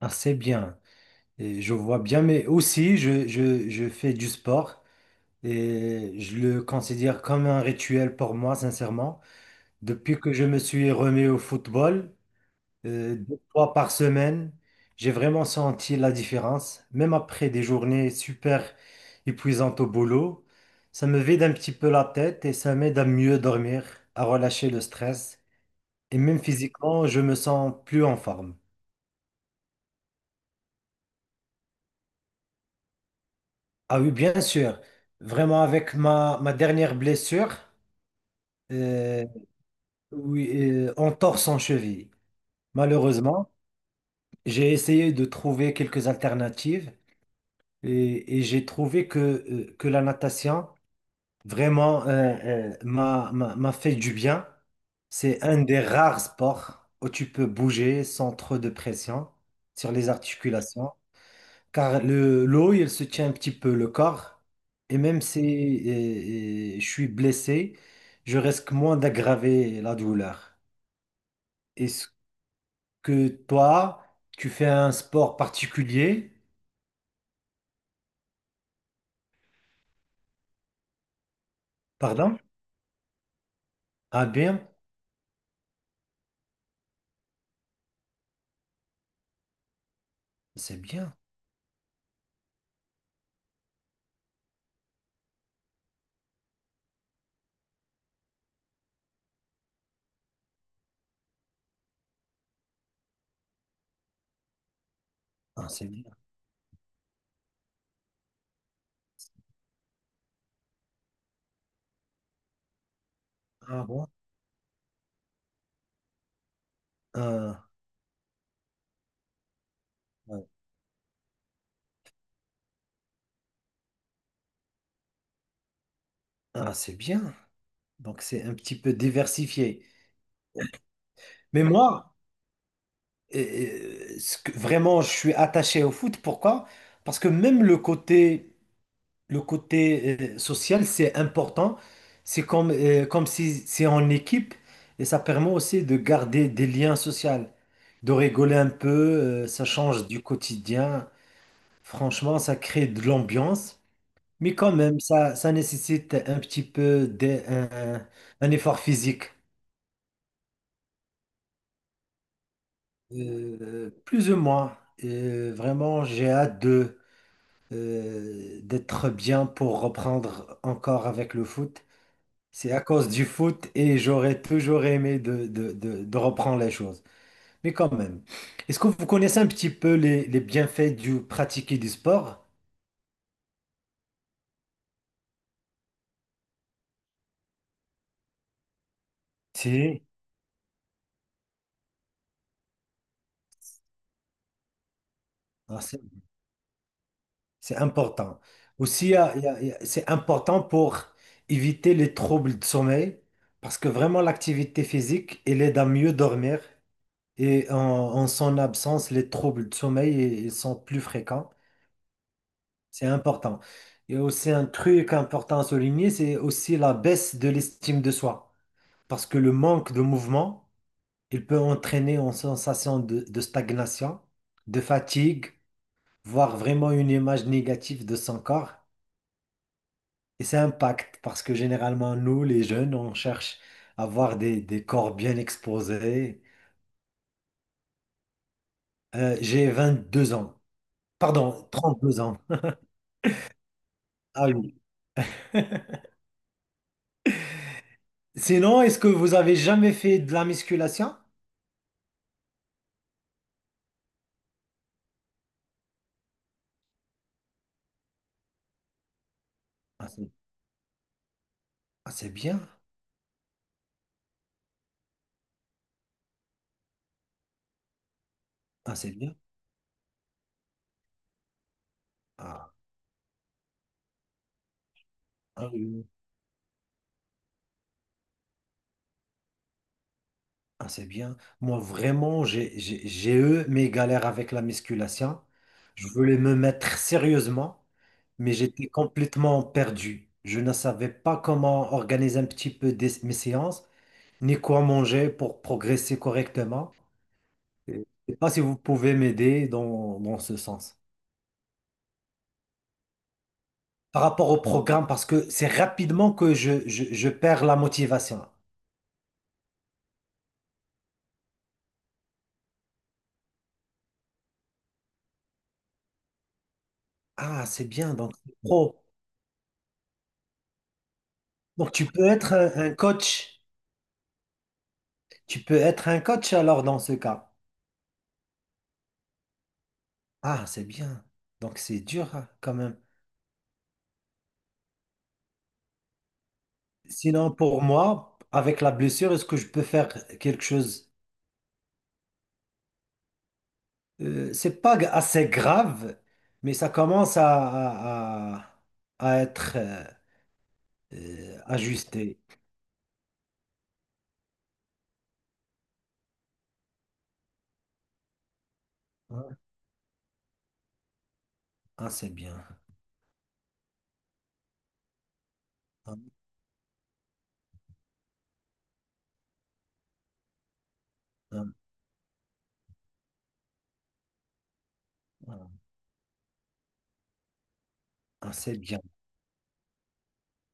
Ah, c'est bien. Et je vois bien, mais aussi je fais du sport et je le considère comme un rituel pour moi, sincèrement. Depuis que je me suis remis au football, 2 fois par semaine, j'ai vraiment senti la différence. Même après des journées super épuisantes au boulot, ça me vide un petit peu la tête et ça m'aide à mieux dormir, à relâcher le stress. Et même physiquement, je me sens plus en forme. Ah oui, bien sûr. Vraiment, avec ma dernière blessure, euh, oui, en torse en cheville. Malheureusement, j'ai essayé de trouver quelques alternatives et j'ai trouvé que la natation vraiment m'a fait du bien. C'est un des rares sports où tu peux bouger sans trop de pression sur les articulations. Car l'eau, elle se tient un petit peu le corps. Et même si je suis blessé, je risque moins d'aggraver la douleur. Est-ce que toi, tu fais un sport particulier? Pardon? Ah bien, c'est bien. Ah, c'est bien. Ah bon? Ah, ouais. Ah, c'est bien. Donc c'est un petit peu diversifié. Mais moi, vraiment, je suis attaché au foot. Pourquoi? Parce que même le côté social, c'est important. Comme si c'est en équipe et ça permet aussi de garder des liens sociaux, de rigoler un peu, ça change du quotidien. Franchement, ça crée de l'ambiance, mais quand même, ça nécessite un petit peu un effort physique. Plus ou moins. Vraiment, j'ai hâte d'être bien pour reprendre encore avec le foot. C'est à cause du foot et j'aurais toujours aimé de reprendre les choses. Mais quand même, est-ce que vous connaissez un petit peu les bienfaits du pratiquer du sport? Si, alors, c'est important. Aussi, il y a- il y a- il y a- c'est important pour éviter les troubles de sommeil parce que vraiment l'activité physique, elle aide à mieux dormir et en son absence, les troubles de sommeil, ils sont plus fréquents. C'est important. Et aussi un truc important à souligner, c'est aussi la baisse de l'estime de soi. Parce que le manque de mouvement, il peut entraîner une sensation de stagnation, de fatigue, voire vraiment une image négative de son corps. Et ça impacte parce que généralement, nous, les jeunes, on cherche à avoir des corps bien exposés. J'ai 2 ans. Pardon, 32 ans. Ah oui. Sinon, est-ce que vous avez jamais fait de la musculation? Ah, c'est Ah, c'est bien. Ah, c'est bien. Ah, ah oui. Oui. Ah, c'est bien. Moi, vraiment, j'ai eu mes galères avec la musculation. Je voulais me mettre sérieusement, mais j'étais complètement perdu. Je ne savais pas comment organiser un petit peu mes séances, ni quoi manger pour progresser correctement. Je ne sais pas si vous pouvez m'aider dans ce sens. Par rapport au programme, parce que c'est rapidement que je perds la motivation. Ah, c'est bien, donc c'est pro. Donc, tu peux être un coach. Tu peux être un coach alors dans ce cas. Ah, c'est bien. Donc, c'est dur hein, quand même. Sinon, pour moi, avec la blessure, est-ce que je peux faire quelque chose? C'est pas assez grave, mais ça commence à être ajusté. Ah, ah, c'est bien. Ah, ah, ah, ah, c'est bien.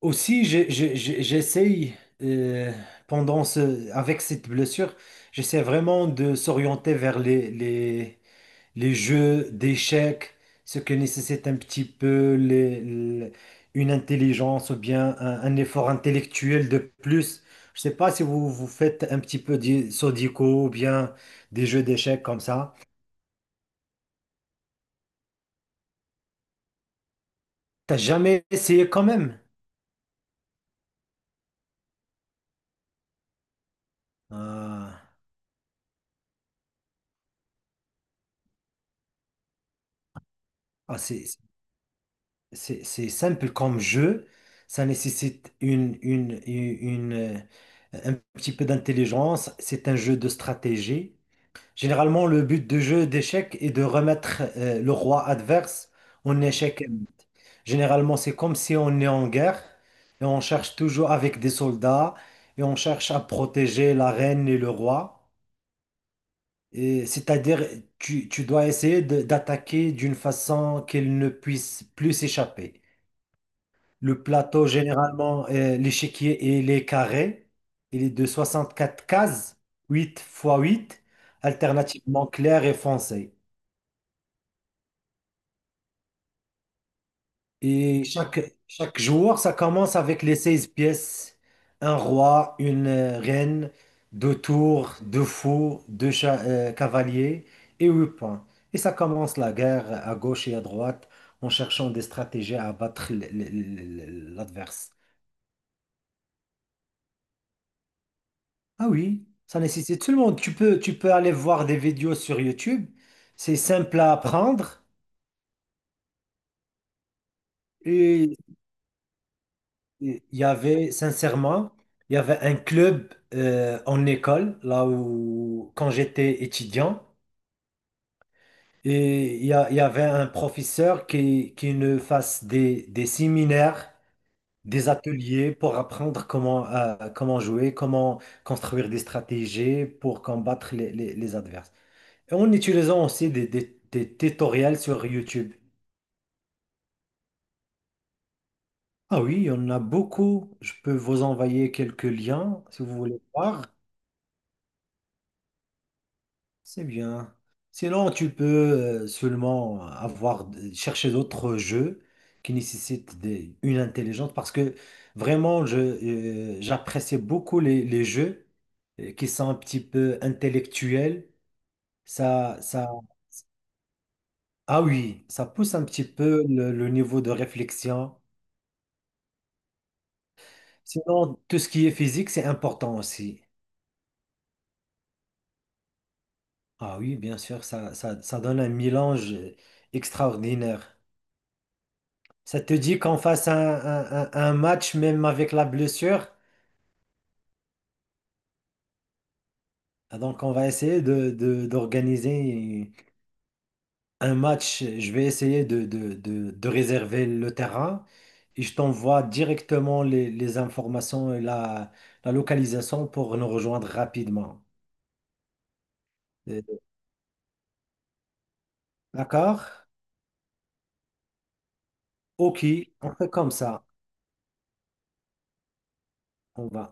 Aussi, j'essaye euh, avec cette blessure, j'essaie vraiment de s'orienter vers les jeux d'échecs, ce que nécessite un petit peu une intelligence ou bien un effort intellectuel de plus. Je sais pas si vous, vous faites un petit peu de Sudoku ou bien des jeux d'échecs comme ça. T'as jamais essayé quand même? Ah, ah, c'est c'est simple comme jeu, ça nécessite une, euh, un petit peu d'intelligence, c'est un jeu de stratégie. Généralement, le but de jeu d'échecs est de remettre le roi adverse en échec. Généralement, c'est comme si on est en guerre et on cherche toujours avec des soldats et on cherche à protéger la reine et le roi. Et c'est-à-dire, tu dois essayer d'attaquer d'une façon qu'ils ne puissent plus s'échapper. Le plateau, généralement, l'échiquier, il est carré. Il est de 64 cases, 8 x 8, alternativement clair et foncé. Et chaque joueur, ça commence avec les 16 pièces. Un roi, une reine, deux tours, deux fous, cavaliers et 8 points. Et ça commence la guerre à gauche et à droite en cherchant des stratégies à battre l'adversaire. Ah oui, ça nécessite tout le monde. Tu peux aller voir des vidéos sur YouTube. C'est simple à apprendre. Et il y avait, sincèrement, il y avait un club en école, là où, quand j'étais étudiant. Et il y avait un professeur qui nous fasse des séminaires, des ateliers pour apprendre comment jouer, comment construire des stratégies pour combattre les adversaires. En utilisant aussi des tutoriels sur YouTube. Ah oui, il y en a beaucoup. Je peux vous envoyer quelques liens si vous voulez voir. C'est bien. Sinon, tu peux seulement avoir chercher d'autres jeux qui nécessitent une intelligence parce que vraiment, j'apprécie beaucoup les jeux qui sont un petit peu intellectuels. Ça, ça, ah oui, ça pousse un petit peu le niveau de réflexion. Sinon, tout ce qui est physique, c'est important aussi. Ah oui, bien sûr, ça donne un mélange extraordinaire. Ça te dit qu'on fasse un match même avec la blessure? Ah, donc, on va essayer d'organiser un match. Je vais essayer de réserver le terrain et je t'envoie directement les informations et la localisation pour nous rejoindre rapidement. Euh, D'accord? Ok, on fait comme ça. On va.